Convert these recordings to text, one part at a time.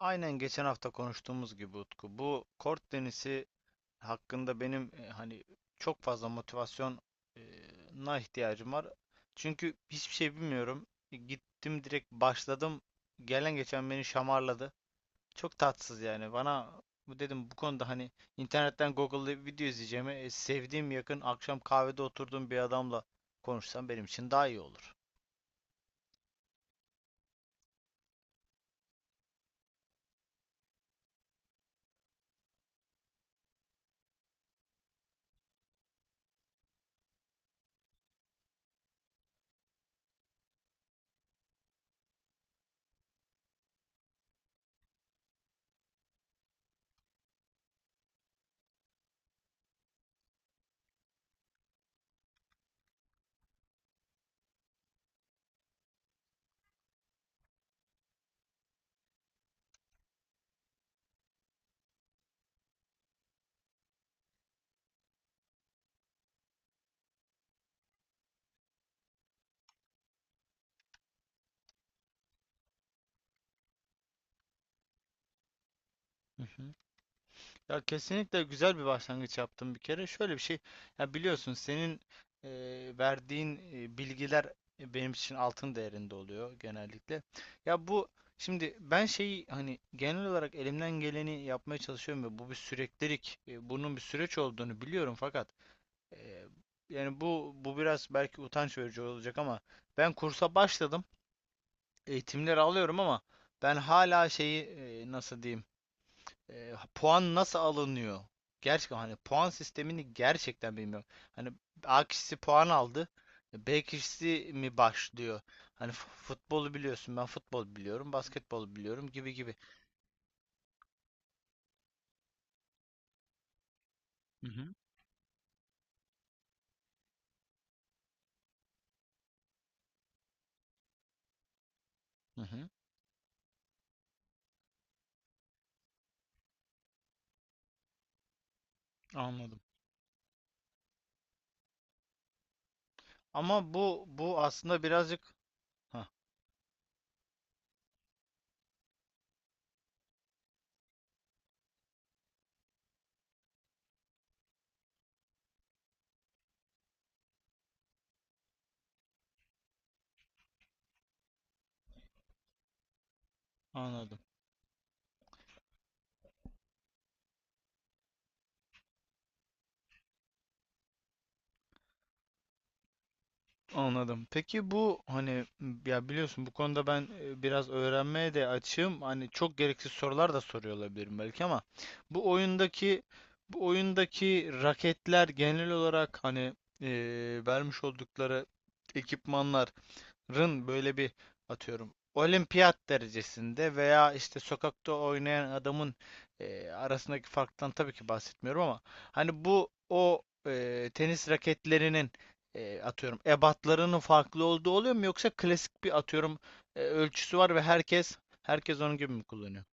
Aynen geçen hafta konuştuğumuz gibi Utku, bu kort tenisi hakkında benim hani çok fazla motivasyona ihtiyacım var. Çünkü hiçbir şey bilmiyorum. Gittim direkt başladım. Gelen geçen beni şamarladı. Çok tatsız yani. Bana bu dedim bu konuda hani internetten Google'da video izleyeceğime sevdiğim yakın akşam kahvede oturduğum bir adamla konuşsam benim için daha iyi olur. Ya kesinlikle güzel bir başlangıç yaptım bir kere. Şöyle bir şey, ya biliyorsun senin e, verdiğin bilgiler benim için altın değerinde oluyor genellikle. Ya şimdi ben şeyi hani genel olarak elimden geleni yapmaya çalışıyorum ve bu bir süreklilik, bunun bir süreç olduğunu biliyorum fakat e, yani bu biraz belki utanç verici olacak ama ben kursa başladım, eğitimleri alıyorum ama ben hala şeyi nasıl diyeyim? Puan nasıl alınıyor? Gerçekten hani puan sistemini gerçekten bilmiyorum. Hani A kişisi puan aldı. B kişisi mi başlıyor? Hani futbolu biliyorsun. Ben futbol biliyorum. Basketbol biliyorum gibi gibi. Hı hı. Hı hı. Anladım. Ama bu aslında birazcık. Hah. Anladım. Anladım. Peki bu hani m, ya biliyorsun bu konuda ben biraz öğrenmeye de açığım. Hani çok gereksiz sorular da soruyor olabilirim belki ama bu oyundaki bu oyundaki raketler genel olarak hani e, vermiş oldukları ekipmanlar rın böyle bir atıyorum olimpiyat derecesinde veya işte sokakta oynayan adamın arasındaki farktan tabii ki bahsetmiyorum ama hani bu o tenis raketlerinin atıyorum ebatlarının farklı olduğu oluyor mu yoksa klasik bir atıyorum ölçüsü var ve herkes onun gibi mi kullanıyor?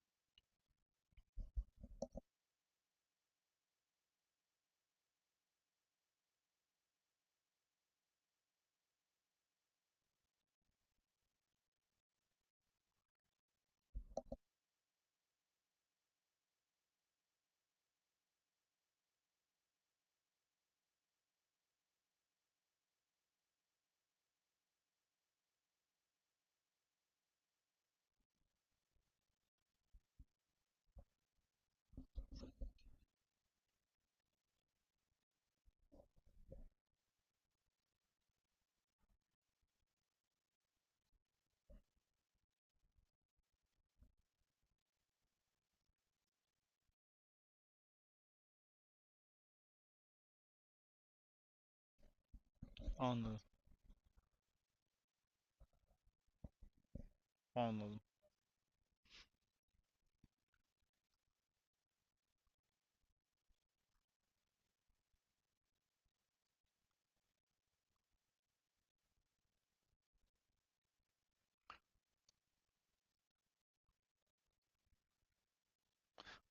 Anladım. Anladım.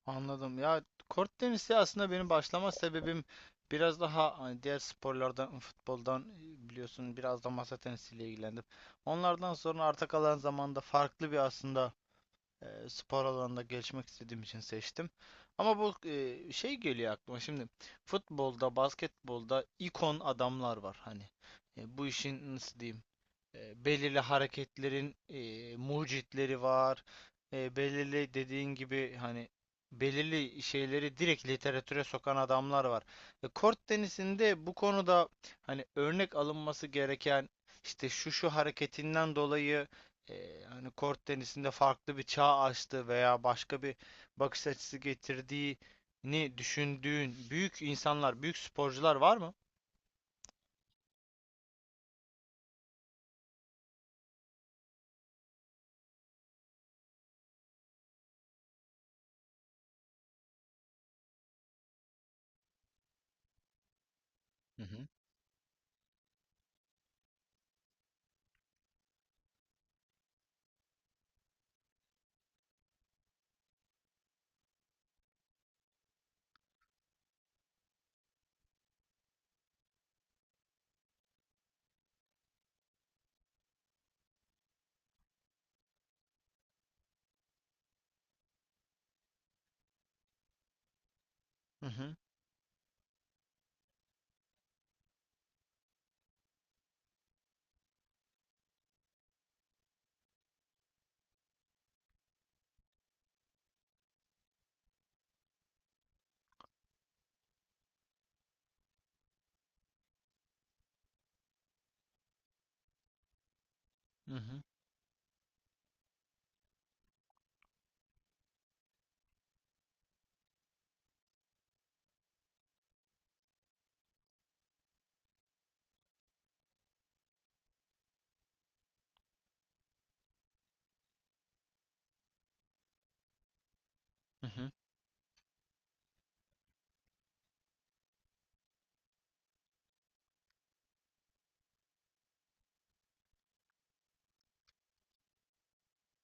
Anladım. Ya kort tenisi aslında benim başlama sebebim biraz daha hani diğer sporlardan, futboldan biliyorsun biraz da masa tenisiyle ilgilendim. Onlardan sonra arta kalan zamanda farklı bir aslında spor alanında gelişmek istediğim için seçtim. Ama bu şey geliyor aklıma şimdi futbolda, basketbolda ikon adamlar var hani. Bu işin nasıl diyeyim? Belirli hareketlerin mucitleri var. Belirli dediğin gibi hani belirli şeyleri direkt literatüre sokan adamlar var. Kort tenisinde bu konuda hani örnek alınması gereken işte şu şu hareketinden dolayı hani kort tenisinde farklı bir çağ açtı veya başka bir bakış açısı getirdiğini düşündüğün büyük insanlar, büyük sporcular var mı? Hı hı. Hı hı, hı hı, hı hı,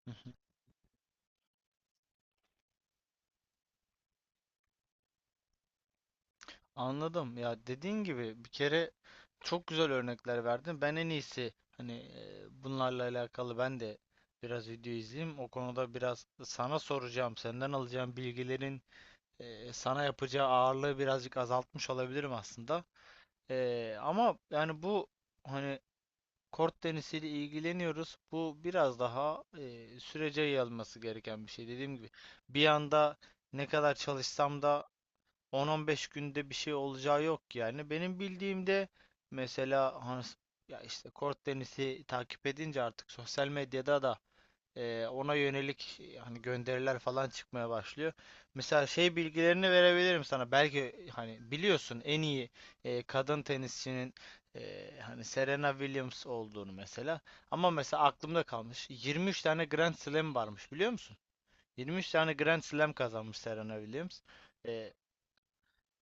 hı hı. Anladım. Ya dediğin gibi bir kere çok güzel örnekler verdin. Ben en iyisi hani bunlarla alakalı ben de biraz video izleyeyim. O konuda biraz sana soracağım, senden alacağım bilgilerin sana yapacağı ağırlığı birazcık azaltmış olabilirim aslında. Ama yani bu hani kort tenisiyle ilgileniyoruz. Bu biraz daha sürece yayılması gereken bir şey. Dediğim gibi bir anda ne kadar çalışsam da 10-15 günde bir şey olacağı yok yani. Benim bildiğimde mesela Hans, ya işte kort tenisi takip edince artık sosyal medyada da ona yönelik hani gönderiler falan çıkmaya başlıyor. Mesela şey bilgilerini verebilirim sana. Belki hani biliyorsun en iyi kadın tenisçinin hani Serena Williams olduğunu mesela. Ama mesela aklımda kalmış. 23 tane Grand Slam varmış biliyor musun? 23 tane Grand Slam kazanmış Serena Williams. E,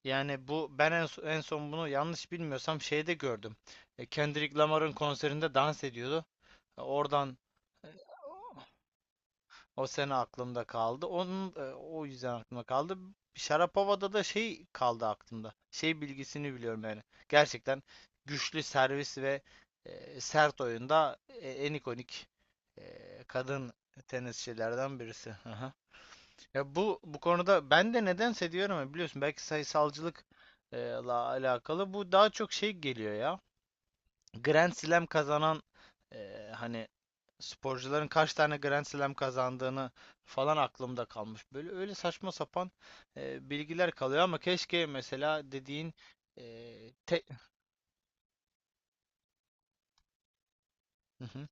Yani bu ben en son bunu yanlış bilmiyorsam şeyde gördüm. Kendrick Lamar'ın konserinde dans ediyordu. Oradan e, o sene aklımda kaldı. O yüzden aklımda kaldı. Şarapova'da da şey kaldı aklımda. Şey bilgisini biliyorum yani. Gerçekten güçlü servis ve sert oyunda en ikonik kadın tenisçilerden birisi. Ya bu konuda ben de nedense diyorum ya biliyorsun belki sayısalcılık la alakalı bu daha çok şey geliyor ya. Grand Slam kazanan hani sporcuların kaç tane Grand Slam kazandığını falan aklımda kalmış. Böyle öyle saçma sapan bilgiler kalıyor ama keşke mesela dediğin e, te- hı hı,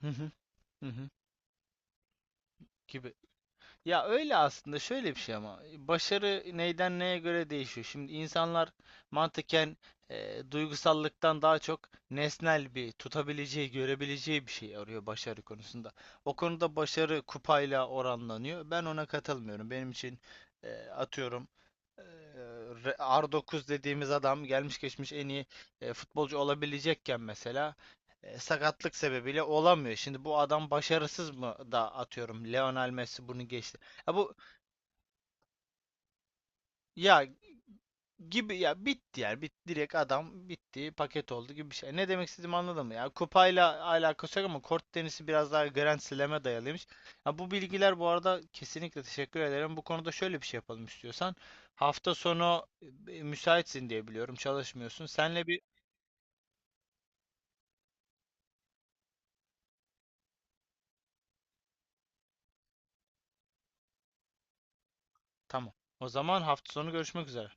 hı hı, hı hı gibi. Ya öyle aslında şöyle bir şey ama başarı neyden neye göre değişiyor. Şimdi insanlar mantıken duygusallıktan daha çok nesnel bir tutabileceği, görebileceği bir şey arıyor başarı konusunda. O konuda başarı kupayla oranlanıyor. Ben ona katılmıyorum. Benim için atıyorum R9 dediğimiz adam gelmiş geçmiş en iyi futbolcu olabilecekken mesela sakatlık sebebiyle olamıyor. Şimdi bu adam başarısız mı da atıyorum Lionel Messi bunu geçti. Ya bu ya gibi ya bitti yani direkt adam bitti paket oldu gibi bir şey. Ne demek istediğimi anladın mı? Ya kupayla alakası yok ama kort tenisi biraz daha Grand Slam'e dayalıymış. Ya bu bilgiler bu arada kesinlikle teşekkür ederim. Bu konuda şöyle bir şey yapalım istiyorsan. Hafta sonu müsaitsin diye biliyorum. Çalışmıyorsun. Senle bir tamam. O zaman hafta sonu görüşmek üzere.